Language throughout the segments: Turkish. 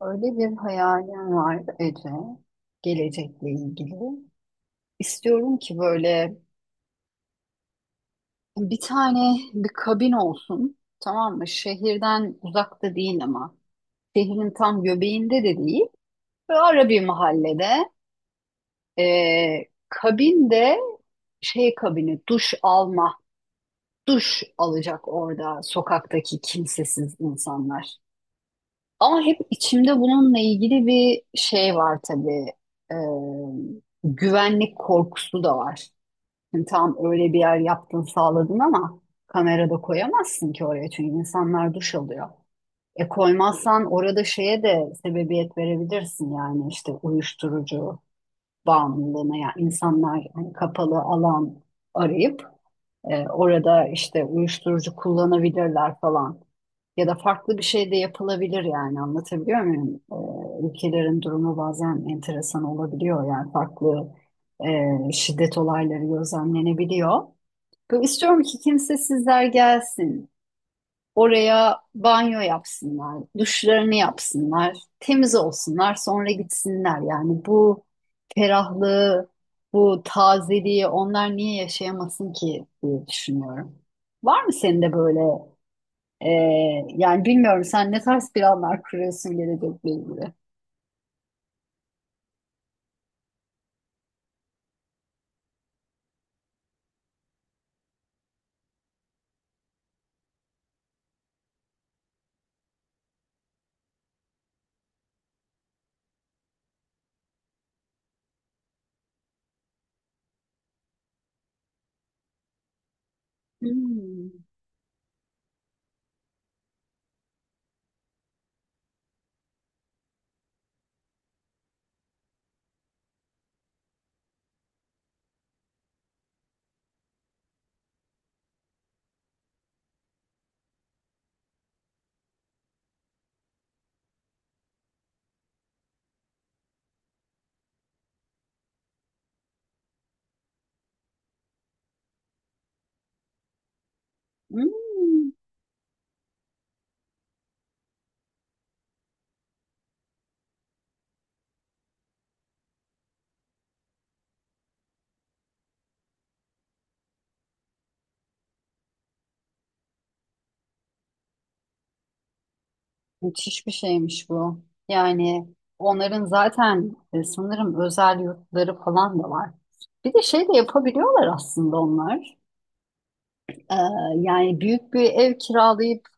Öyle bir hayalim var Ece, gelecekle ilgili. İstiyorum ki böyle bir tane bir kabin olsun, tamam mı? Şehirden uzakta değil ama şehrin tam göbeğinde de değil. Böyle ara bir mahallede, Ee, kabinde şey kabini, duş alacak orada sokaktaki kimsesiz insanlar. Ama hep içimde bununla ilgili bir şey var tabii. Ee, güvenlik korkusu da var. Şimdi tam öyle bir yer yaptın sağladın ama kamerada koyamazsın ki oraya çünkü insanlar duş alıyor. E koymazsan orada şeye de sebebiyet verebilirsin yani işte uyuşturucu bağımlılığına, yani insanlar hani kapalı alan arayıp orada işte uyuşturucu kullanabilirler falan. Ya da farklı bir şey de yapılabilir, yani anlatabiliyor muyum? Ülkelerin durumu bazen enteresan olabiliyor, yani farklı şiddet olayları gözlemlenebiliyor. Böyle istiyorum ki kimsesizler gelsin. Oraya banyo yapsınlar, duşlarını yapsınlar, temiz olsunlar, sonra gitsinler. Yani bu ferahlığı, bu tazeliği onlar niye yaşayamasın ki diye düşünüyorum. Var mı senin de böyle e, yani bilmiyorum, sen ne tarz planlar kuruyorsun gelecekle ilgili? Hmm. Hmm. Müthiş bir şeymiş bu. Yani onların zaten sanırım özel yurtları falan da var. Bir de şey de yapabiliyorlar aslında onlar. Ee, yani büyük bir ev kiralayıp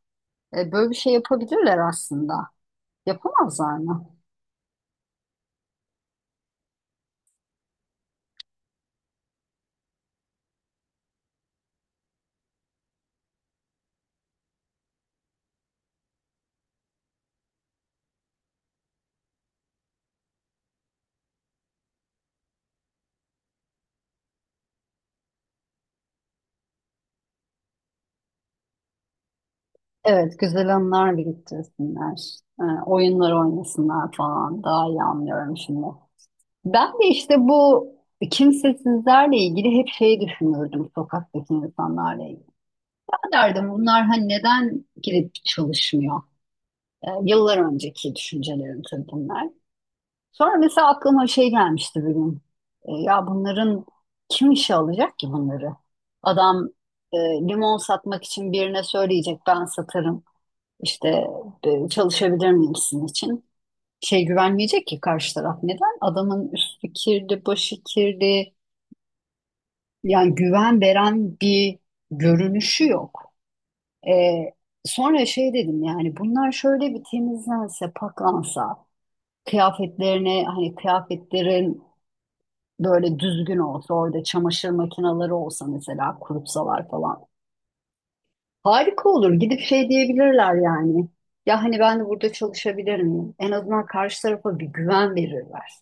böyle bir şey yapabilirler aslında. Yapamazlar mı? Evet, güzel anılar biriktirsinler. Oyunlar oynasınlar falan. Daha iyi anlıyorum şimdi. Ben de işte bu kimsesizlerle ilgili hep şey düşünürdüm, sokaktaki insanlarla ilgili derdim bunlar hani neden girip çalışmıyor? Yıllar önceki düşüncelerim tabii bunlar. Sonra mesela aklıma şey gelmişti bir gün. Ya bunların kim işe alacak ki bunları? Adam limon satmak için birine söyleyecek ben satarım. İşte çalışabilir miyim sizin için? Şey güvenmeyecek ki karşı taraf. Neden? Adamın üstü kirli, başı kirli. Yani güven veren bir görünüşü yok. Ee, sonra şey dedim, yani bunlar şöyle bir temizlense, paklansa, hani kıyafetlerin böyle düzgün olsa, orada çamaşır makineleri olsa, mesela kurutsalar falan. Harika olur. Gidip şey diyebilirler yani. Ya hani ben de burada çalışabilirim. En azından karşı tarafa bir güven verirler.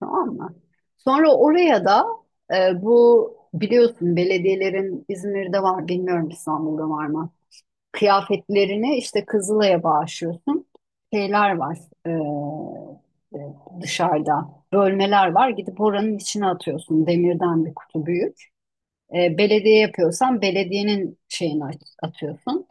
Tamam mı? Sonra oraya da bu biliyorsun belediyelerin İzmir'de var, bilmiyorum İstanbul'da var mı? Kıyafetlerini işte Kızılay'a bağışlıyorsun. Şeyler var, e, e, dışarıda bölmeler var, gidip oranın içine atıyorsun, demirden bir kutu büyük. Belediye yapıyorsan belediyenin şeyini atıyorsun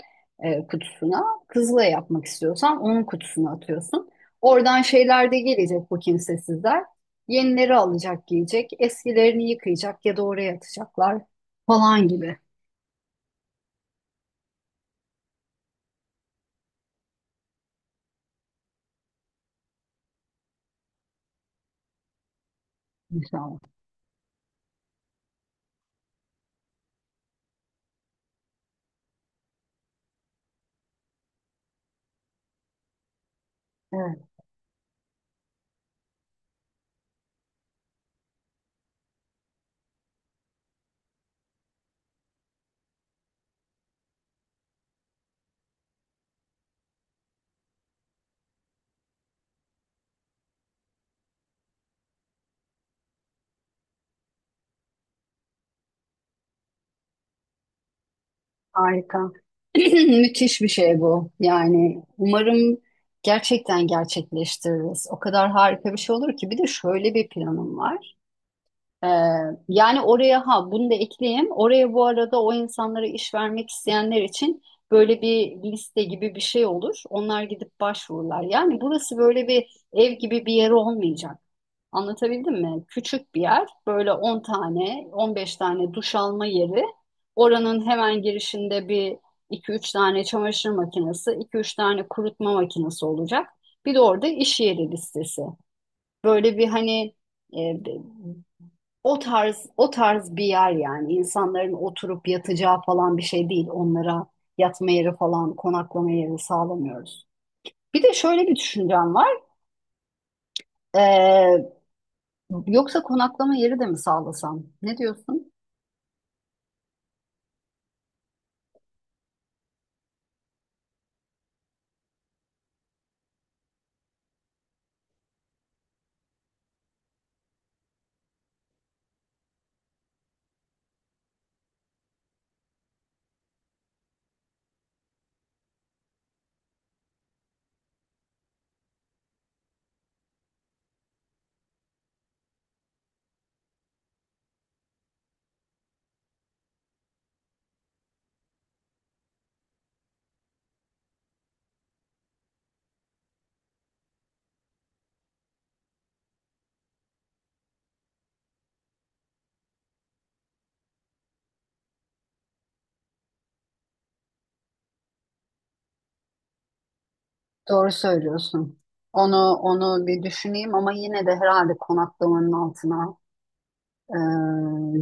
kutusuna. Kızılay yapmak istiyorsan onun kutusuna atıyorsun. Oradan şeyler de gelecek bu kimsesizler. Yenileri alacak giyecek, eskilerini yıkayacak ya da oraya atacaklar falan gibi. İnşallah. Evet. Harika. Müthiş bir şey bu. Yani umarım gerçekten gerçekleştiririz. O kadar harika bir şey olur ki. Bir de şöyle bir planım var. Ee, yani oraya, ha, bunu da ekleyeyim. Oraya bu arada o insanlara iş vermek isteyenler için böyle bir liste gibi bir şey olur. Onlar gidip başvururlar. Yani burası böyle bir ev gibi bir yer olmayacak. Anlatabildim mi? Küçük bir yer, böyle 10 tane, 15 tane duş alma yeri. Oranın hemen girişinde bir iki üç tane çamaşır makinesi, iki üç tane kurutma makinesi olacak. Bir de orada iş yeri listesi. Böyle bir, hani, e, o tarz o tarz bir yer, yani insanların oturup yatacağı falan bir şey değil. Onlara yatma yeri falan, konaklama yeri sağlamıyoruz. Bir de şöyle bir düşüncem var. Ee, Yoksa konaklama yeri de mi sağlasam? Ne diyorsun? Doğru söylüyorsun. Onu bir düşüneyim, ama yine de herhalde konaklamanın altına e,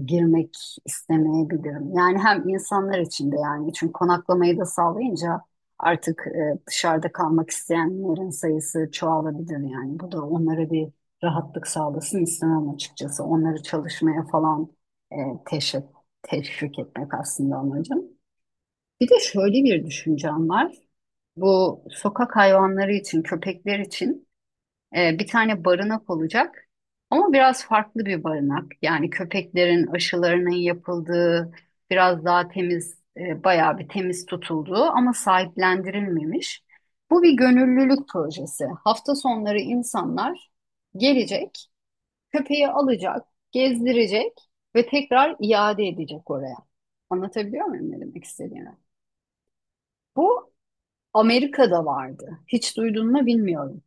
girmek istemeyebilirim. Yani hem insanlar için de, yani çünkü konaklamayı da sağlayınca artık dışarıda kalmak isteyenlerin sayısı çoğalabilir yani. Bu da onlara bir rahatlık sağlasın istemem açıkçası. Onları çalışmaya falan e, teşvik, teşvik etmek aslında amacım. Bir de şöyle bir düşüncem var. Bu sokak hayvanları için, köpekler için bir tane barınak olacak. Ama biraz farklı bir barınak. Yani köpeklerin aşılarının yapıldığı, biraz daha temiz, bayağı bir temiz tutulduğu ama sahiplendirilmemiş. Bu bir gönüllülük projesi. Hafta sonları insanlar gelecek, köpeği alacak, gezdirecek ve tekrar iade edecek oraya. Anlatabiliyor muyum ne demek istediğimi? Bu Amerika'da vardı. Hiç duydun mu bilmiyorum.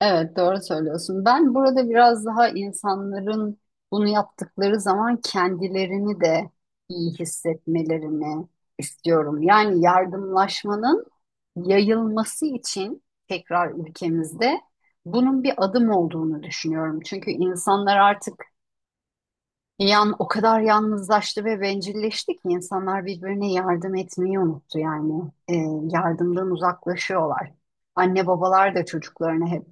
Evet, doğru söylüyorsun. Ben burada biraz daha insanların bunu yaptıkları zaman kendilerini de iyi hissetmelerini istiyorum. Yani yardımlaşmanın yayılması için tekrar ülkemizde bunun bir adım olduğunu düşünüyorum. Çünkü insanlar artık o kadar yalnızlaştı ve bencilleşti ki, insanlar birbirine yardım etmeyi unuttu yani. Ee, yardımdan uzaklaşıyorlar. Anne babalar da çocuklarına hep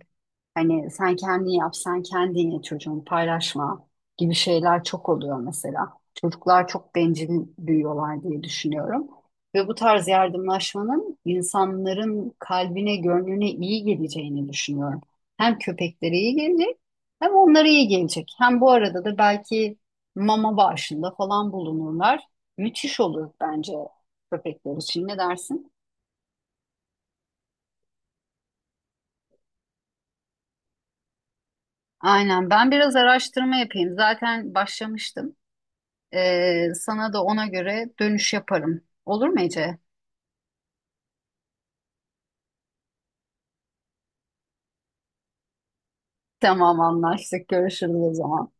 hani sen kendin yap, sen kendin ye çocuğum, paylaşma gibi şeyler çok oluyor mesela. Çocuklar çok bencil büyüyorlar diye düşünüyorum. Ve bu tarz yardımlaşmanın insanların kalbine, gönlüne iyi geleceğini düşünüyorum. Hem köpeklere iyi gelecek, hem onlara iyi gelecek. Hem bu arada da belki mama bağışında falan bulunurlar. Müthiş olur bence köpekler için. Ne dersin? Aynen. Ben biraz araştırma yapayım. Zaten başlamıştım. Sana da ona göre dönüş yaparım. Olur mu Ece? Tamam anlaştık. Görüşürüz o zaman.